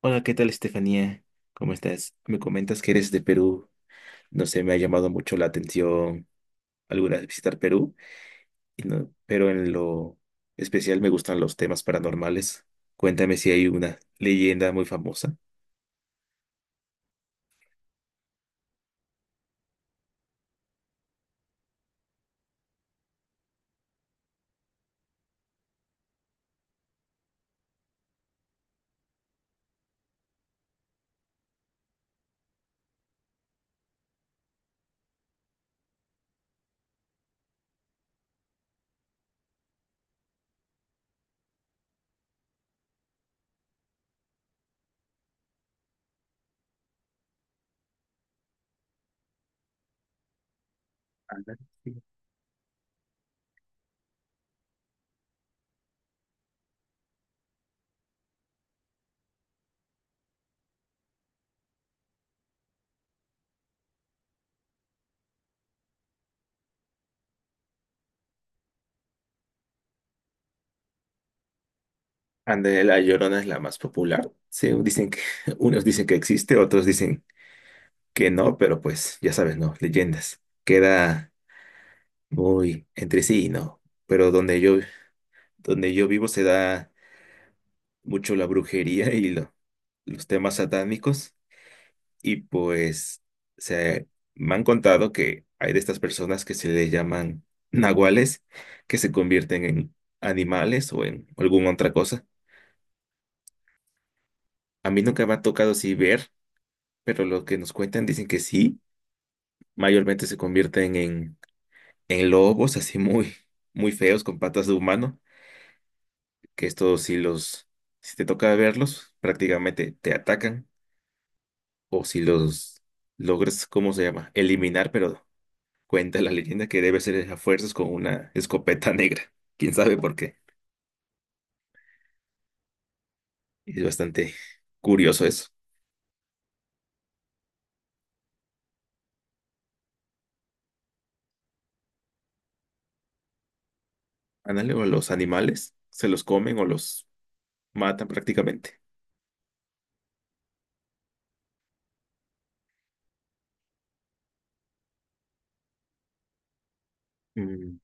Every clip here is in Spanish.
Hola, ¿qué tal, Estefanía? ¿Cómo estás? Me comentas que eres de Perú. No sé, me ha llamado mucho la atención alguna vez visitar Perú, y pero en lo especial me gustan los temas paranormales. Cuéntame si hay una leyenda muy famosa. Anda, sí. Anda, la Llorona es la más popular. Sí, dicen que, unos dicen que existe, otros dicen que no, pero pues ya sabes, ¿no? Leyendas. Queda muy entre sí, ¿no? Pero donde yo vivo se da mucho la brujería y los temas satánicos y pues se me han contado que hay de estas personas que se le llaman nahuales, que se convierten en animales o en alguna otra cosa. A mí nunca me ha tocado así ver, pero lo que nos cuentan dicen que sí, mayormente se convierten en lobos así muy feos con patas de humano, que estos si te toca verlos, prácticamente te atacan. O si los logras, ¿cómo se llama? Eliminar, pero cuenta la leyenda que debe ser a fuerzas con una escopeta negra. ¿Quién sabe por qué? Es bastante curioso eso. Análogo a los animales, se los comen o los matan prácticamente. Mm,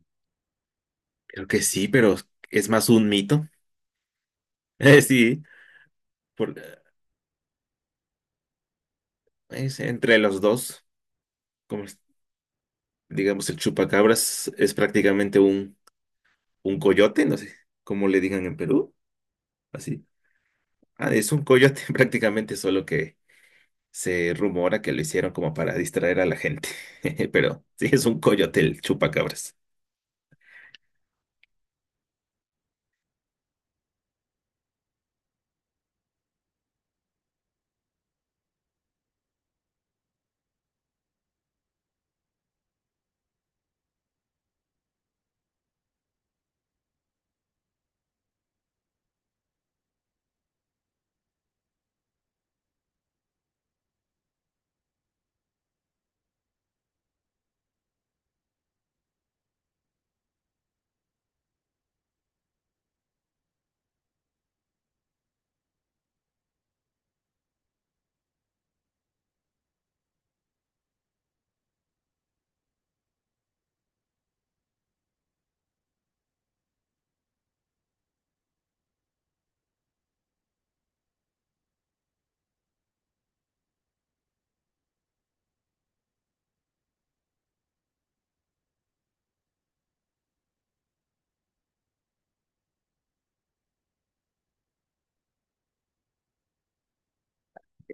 Creo que sí, pero es más un mito. Eh, sí, por- es entre los dos, como es- digamos, el chupacabras es prácticamente un coyote, no sé cómo le digan en Perú, así. Ah, es un coyote prácticamente, solo que se rumora que lo hicieron como para distraer a la gente, pero sí es un coyote el chupacabras.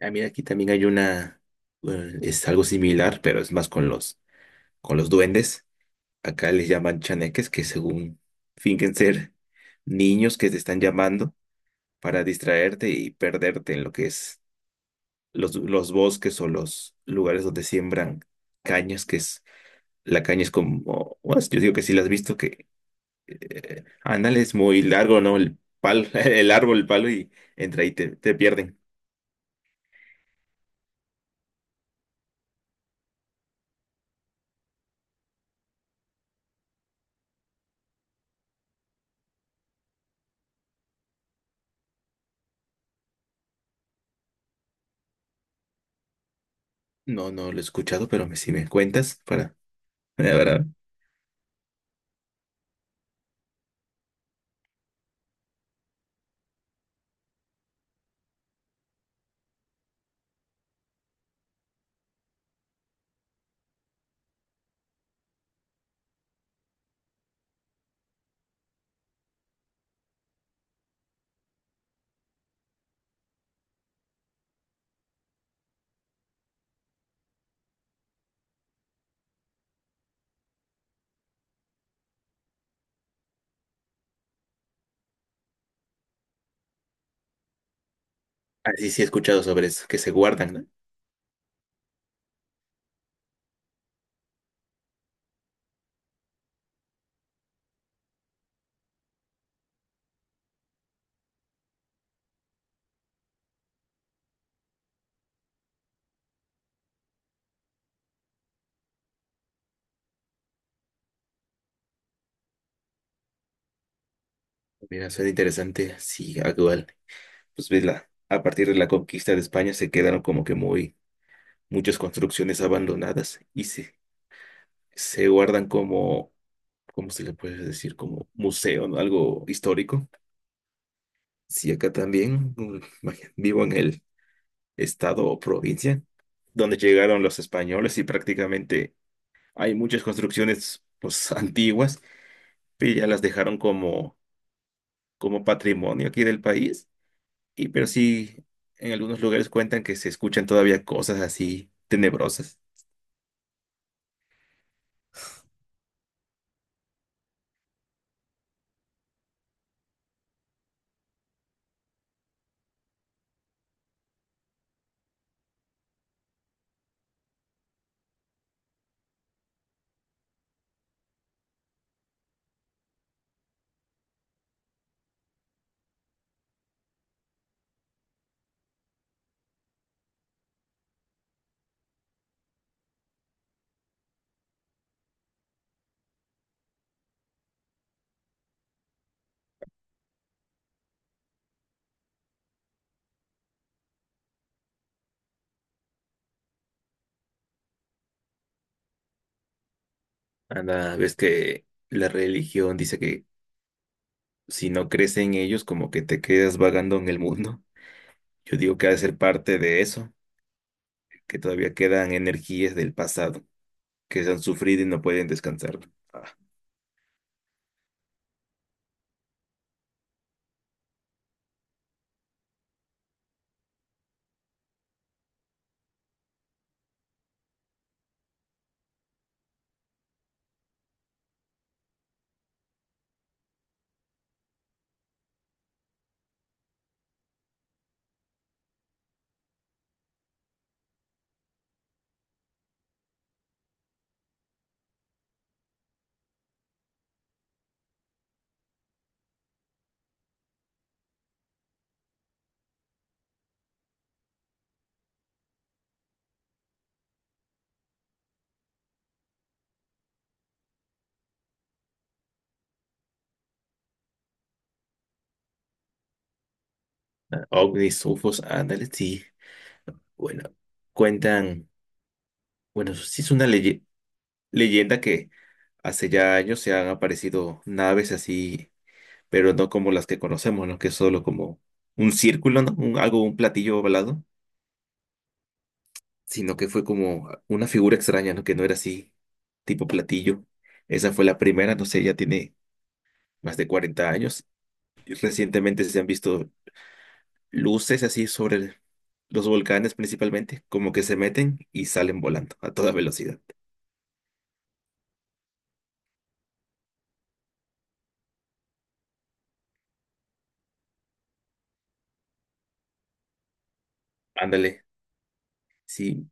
Ah, mira, aquí también hay una, es algo similar, pero es más con con los duendes. Acá les llaman chaneques, que según fingen ser niños que te están llamando para distraerte y perderte en lo que es los bosques o los lugares donde siembran cañas, que es, la caña es como, bueno, yo digo que sí la has visto, que ándale, es muy largo, ¿no? El palo, el árbol, el palo y entra y te pierden. No, no lo he escuchado, pero me, si me cuentas, para, la verdad. Así sí he escuchado sobre eso, que se guardan, ¿no? Mira, suena interesante, sí, actual. Pues ves, la, a partir de la conquista de España se quedaron como que muchas construcciones abandonadas y se guardan como, ¿cómo se le puede decir? Como museo, ¿no? Algo histórico. Sí, acá también, mm, vaya, vivo en el estado o provincia, donde llegaron los españoles y prácticamente hay muchas construcciones pues antiguas, pero ya las dejaron como, como patrimonio aquí del país. Y pero sí, en algunos lugares cuentan que se escuchan todavía cosas así tenebrosas. Anda, ves que la religión dice que si no crees en ellos, como que te quedas vagando en el mundo. Yo digo que ha de ser parte de eso, que todavía quedan energías del pasado que se han sufrido y no pueden descansar. Ah, ovnis, UFOs, ándale, sí. Bueno, cuentan, bueno, sí es una leyenda que hace ya años se han aparecido naves así, pero no como las que conocemos, ¿no? Que es solo como un círculo, ¿no? Algo, un platillo ovalado, sino que fue como una figura extraña, ¿no? Que no era así, tipo platillo. Esa fue la primera, no sé, ya tiene más de 40 años. Y recientemente se han visto luces así sobre los volcanes principalmente, como que se meten y salen volando a toda velocidad. Ándale, sí,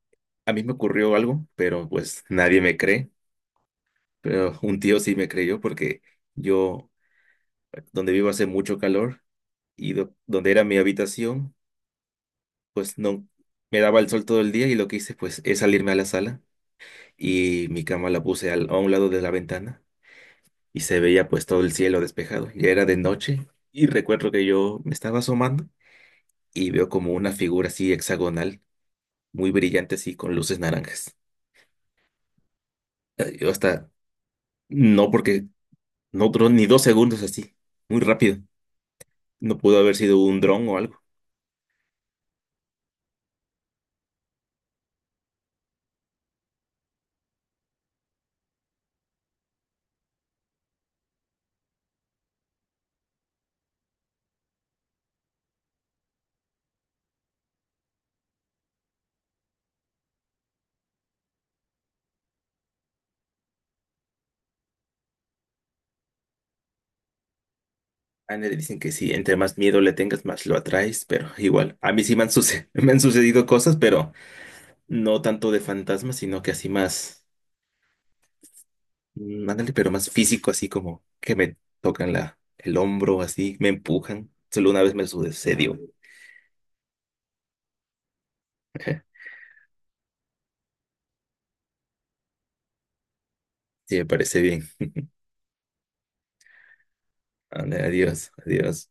a mí me ocurrió algo, pero pues nadie me cree, pero un tío sí me creyó porque yo, donde vivo hace mucho calor y donde era mi habitación, pues no me daba el sol todo el día y lo que hice pues es salirme a la sala y mi cama la puse a un lado de la ventana y se veía pues todo el cielo despejado, ya era de noche y recuerdo que yo me estaba asomando y veo como una figura así hexagonal, muy brillante así, con luces naranjas. Yo hasta, no, porque no duró ni 2 segundos así, muy rápido. No pudo haber sido un dron o algo. A nadie le dicen que sí, entre más miedo le tengas, más lo atraes, pero igual, a mí sí me han, me han sucedido cosas, pero no tanto de fantasmas, sino que así más, ándale, pero más físico, así como que me tocan la, el hombro, así, me empujan. Solo una vez me sucedió. Sí, me parece bien. Ándale, adiós, adiós.